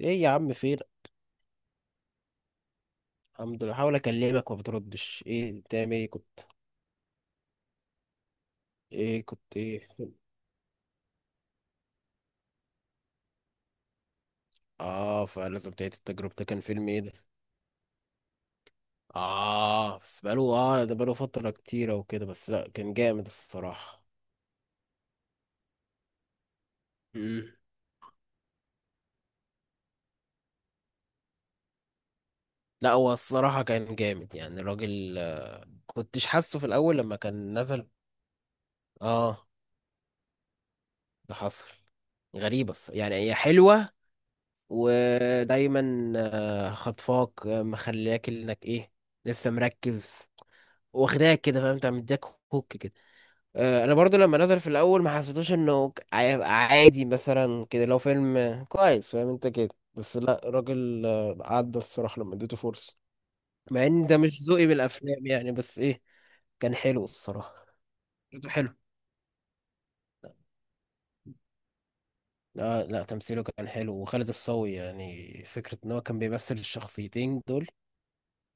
ايه يا عم، فين؟ الحمد لله، بحاول اكلمك ما بتردش. ايه بتعمل، ايه كنت؟ ايه فين؟ اه فلازم تعيد التجربة. ده كان فيلم ايه ده؟ اه بس بقاله ده بقاله فترة كتيرة وكده، بس لا كان جامد الصراحة. مم. لا هو الصراحة كان جامد، يعني الراجل كنتش حاسه في الاول لما كان نزل. اه ده حصل. غريبة، يعني هي حلوة، ودايما خطفاك، مخلياك انك ايه، لسه مركز، واخداك كده، فاهم انت، مديك هوك كده. انا برضو لما نزل في الاول ما حسيتوش انه هيبقى عادي مثلا كده، لو فيلم كويس فاهم انت كده. بس لا راجل، عدى الصراحة لما اديته فرصة، مع ان ده مش ذوقي بالافلام يعني، بس ايه، كان حلو الصراحة. كانت حلو. لا لا، تمثيله كان حلو، وخالد الصاوي يعني فكرة ان هو كان بيمثل الشخصيتين دول.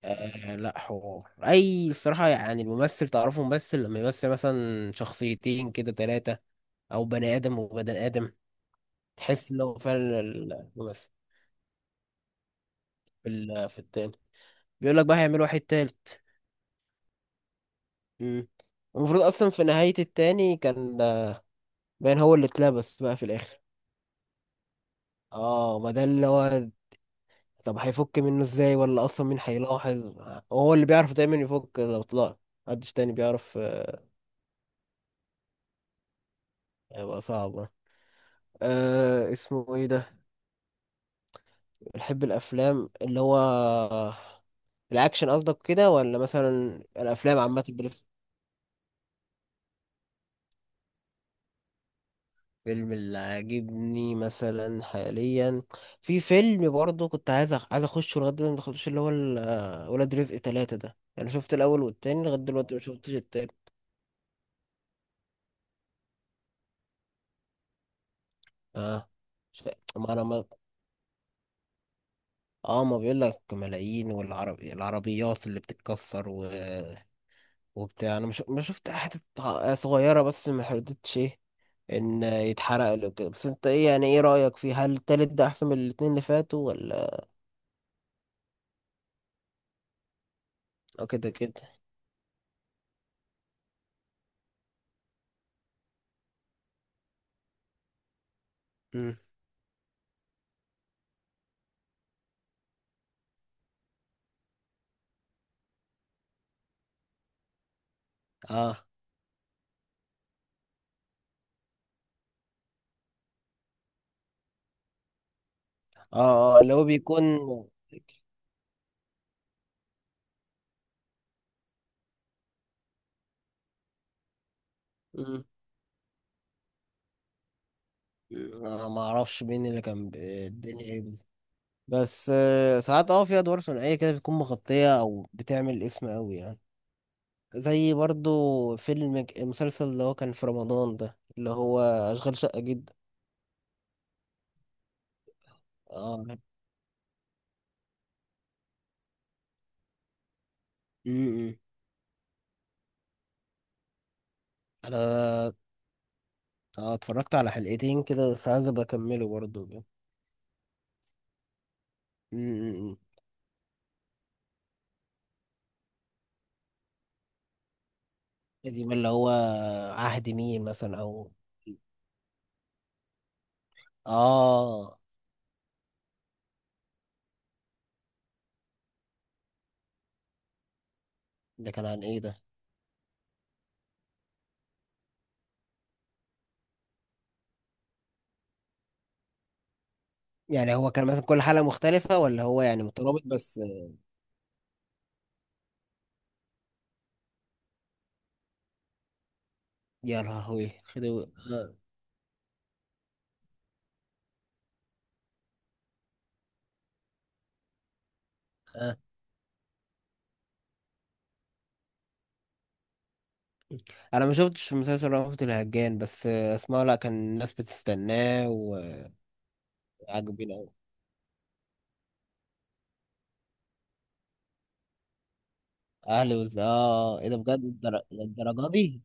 لا حوار اي الصراحة، يعني الممثل تعرفه ممثل لما يمثل مثلا شخصيتين كده، تلاتة، او بني ادم وبني ادم، تحس ان هو فعلا الممثل. في التاني بيقول لك بقى هيعملوا واحد تالت. مم. المفروض اصلا في نهاية التاني كان باين هو اللي اتلبس بقى في الاخر. اه ما ده اللي هو. طب هيفك منه ازاي، ولا اصلا مين هيلاحظ؟ هو اللي بيعرف دايما يفك لو طلع، محدش تاني بيعرف. هيبقى صعب. اسمه ايه ده؟ بحب الافلام اللي هو الاكشن قصدك كده، ولا مثلا الافلام عامه؟ فيلم اللي عاجبني مثلا حاليا، في فيلم برضه كنت عايز عايز اخشه لغايه دلوقتي ما دخلتوش، اللي هو ولاد رزق ثلاثة ده، يعني شفت الاول والتاني، لغايه دلوقتي ما شفتش التاني. اه ش... ما انا ما... اه ما بيقول لك ملايين، والعربي العربيات اللي بتتكسر وبتاع، انا مش... ما شفت حتة صغيرة بس ما حددتش ايه، ان يتحرق له كده. بس انت ايه، يعني ايه رأيك فيه؟ هل التالت ده احسن من الاتنين اللي فاتوا ولا؟ كده كده. امم اه اه اللي هو بيكون. مم. ما اعرفش مين اللي كان الدنيا ايه بس. بس ساعات في ادوار ثنائيه كده بتكون مغطيه او بتعمل اسم قوي يعني. زي برضو المسلسل اللي هو كان في رمضان ده، اللي هو اشغال شقه، جدا. اه م- م. انا اتفرجت على حلقتين كده، بس عايز ابقى اكمله برضو. م. دي اللي هو عهد مين مثلا، او؟ اه ده كان عن ايه ده؟ يعني هو كان مثلا كل حلقة مختلفة، ولا هو يعني مترابط بس؟ يا لهوي، خدوا. آه. آه. انا ما شفتش مسلسل رأفت الهجان، بس اسمعه لا كان الناس بتستناه وعاجبين قوي. اهلي وز اه آه. ايه ده بجد، للدرجة دي؟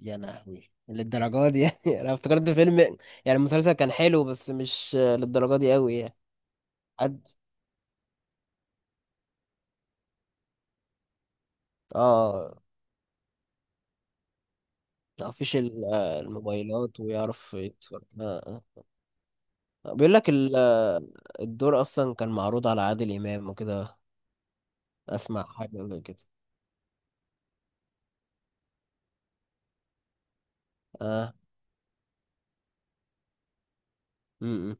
يا لهوي، للدرجة دي يعني انا افتكرت فيلم يعني، المسلسل كان حلو بس مش للدرجة دي قوي يعني. حد اه مفيش الموبايلات ويعرف يتفرج. آه. آه. بيقول لك الدور اصلا كان معروض على عادل امام وكده، اسمع حاجه زي كده. اه امم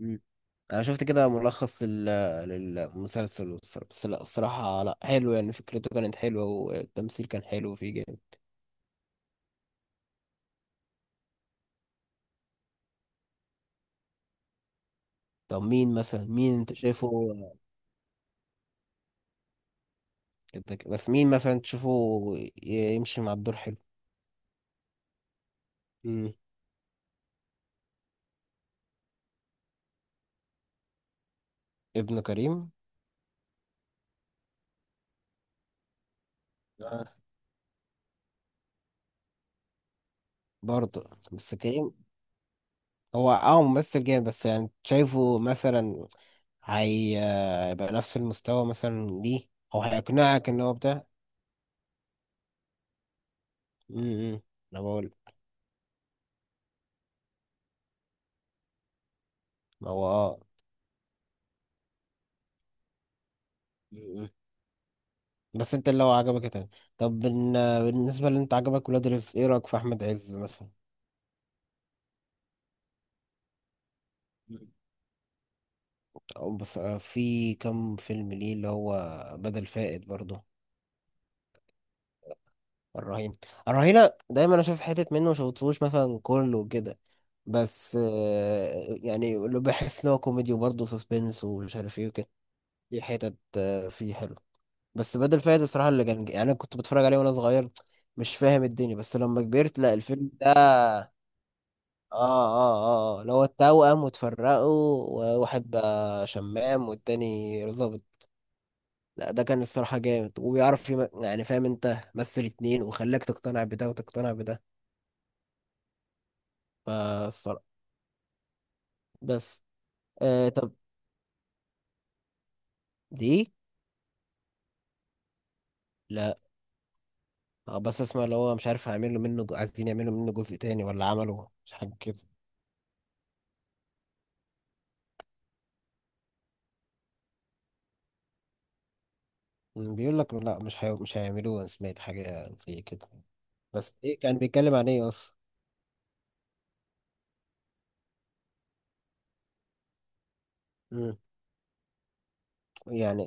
مم. انا شفت كده ملخص للمسلسل، بس لا الصراحه، لا حلو، يعني فكرته كانت حلوه والتمثيل كان حلو فيه جامد. طب مين مثلا، مين انت شايفه؟ بس مين مثلا تشوفه يمشي مع الدور حلو؟ امم. ابن كريم. آه. برضه، بس كريم هو ممثل جامد، بس يعني شايفه مثلا هي- هيبقى نفس المستوى مثلا ليه، او هيقنعك ان هو بتاع؟ امم، إمم. انا بقول، ما هو اه م. بس انت اللي هو عجبك تمام، طب بن- بالنسبة اللي انت عجبك ولاد رزق، ايه رأيك في احمد عز مثلا؟ او بس في كم فيلم ليه اللي هو بدل فائد برضه. الرهينة. الرهينة دايما اشوف حتت منه، مشفتهوش مثلا كله كده، بس يعني اللي بحس ان هو كوميدي وبرضه سسبنس ومش عارف ايه وكده، دي حتت فيه حلو. بس بدل فايت الصراحه اللي كان، يعني انا كنت بتفرج عليه وانا صغير مش فاهم الدنيا، بس لما كبرت لا الفيلم ده اه اللي هو التوأم وتفرقوا، وواحد بقى شمام والتاني ظابط. لا ده كان الصراحة جامد، وبيعرف يعني فاهم انت، مثل اتنين وخلاك تقتنع بده وتقتنع بده، فالصراحة. بس طب، دي لا بس اسمع، اللي هو مش عارف هيعملوا منه عايزين يعملوا منه جزء تاني، ولا عمله مش حاجة كده؟ بيقول لك لا مش هيعملوه، انا سمعت حاجة زي كده. بس ايه كان بيتكلم عن ايه اصلا؟ مم. يعني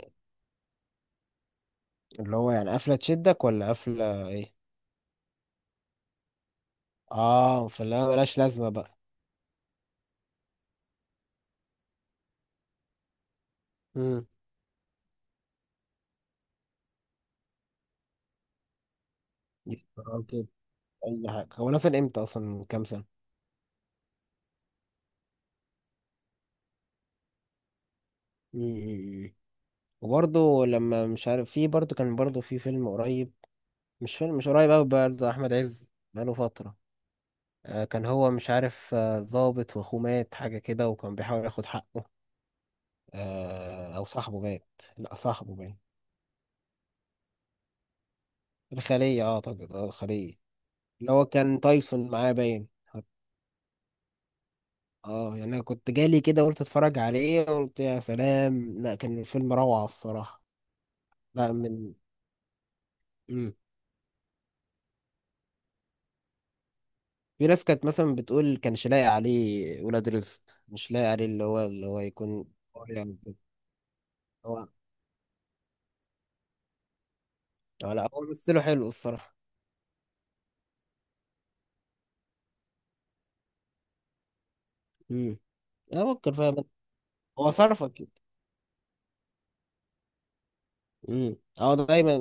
اللي هو يعني قفلة تشدك، ولا قفلة ايه؟ اه فلا ملهاش لازمة بقى. امم. اه كده. اي حاجة، هو نزل امتى اصلا، من كام سنة؟ امم. وبرضه لما مش عارف، في برضه كان برضه في فيلم قريب، مش فيلم مش قريب قوي برضه، احمد عز، بقاله فترة. كان هو مش عارف ضابط واخوه مات حاجة كده، وكان بيحاول ياخد حقه، او صاحبه مات، لا صاحبه مات. الخلية، اعتقد الخلية، اللي هو كان تايسون معاه باين. اه يعني انا كنت جالي كده، قلت اتفرج عليه، قلت يا سلام، لا كان الفيلم روعة الصراحة. لا من، مم. في ناس كانت مثلا بتقول كانش لاقي عليه ولاد رزق، مش لاقي عليه، اللي هو يكون هو يعني كده. هو لا هو مثله حلو الصراحة. امم. انا ممكن فاهم، هو صرفك كده. امم، دايما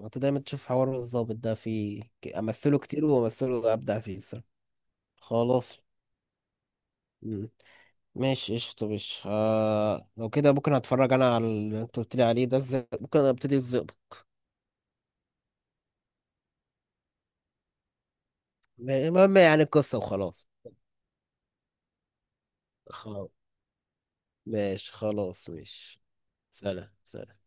انت دايما تشوف حوار الظابط ده في امثله كتير، وامثله ابدع فيه الصراحه، خلاص. مم. ماشي، قشطة، مش لو كده ممكن هتفرج انا على اللي انت قلت لي عليه ده، ممكن ابتدي الظبط. المهم يعني القصة، وخلاص. خلاص، ماشي، خلاص ماشي. سلام، سلام.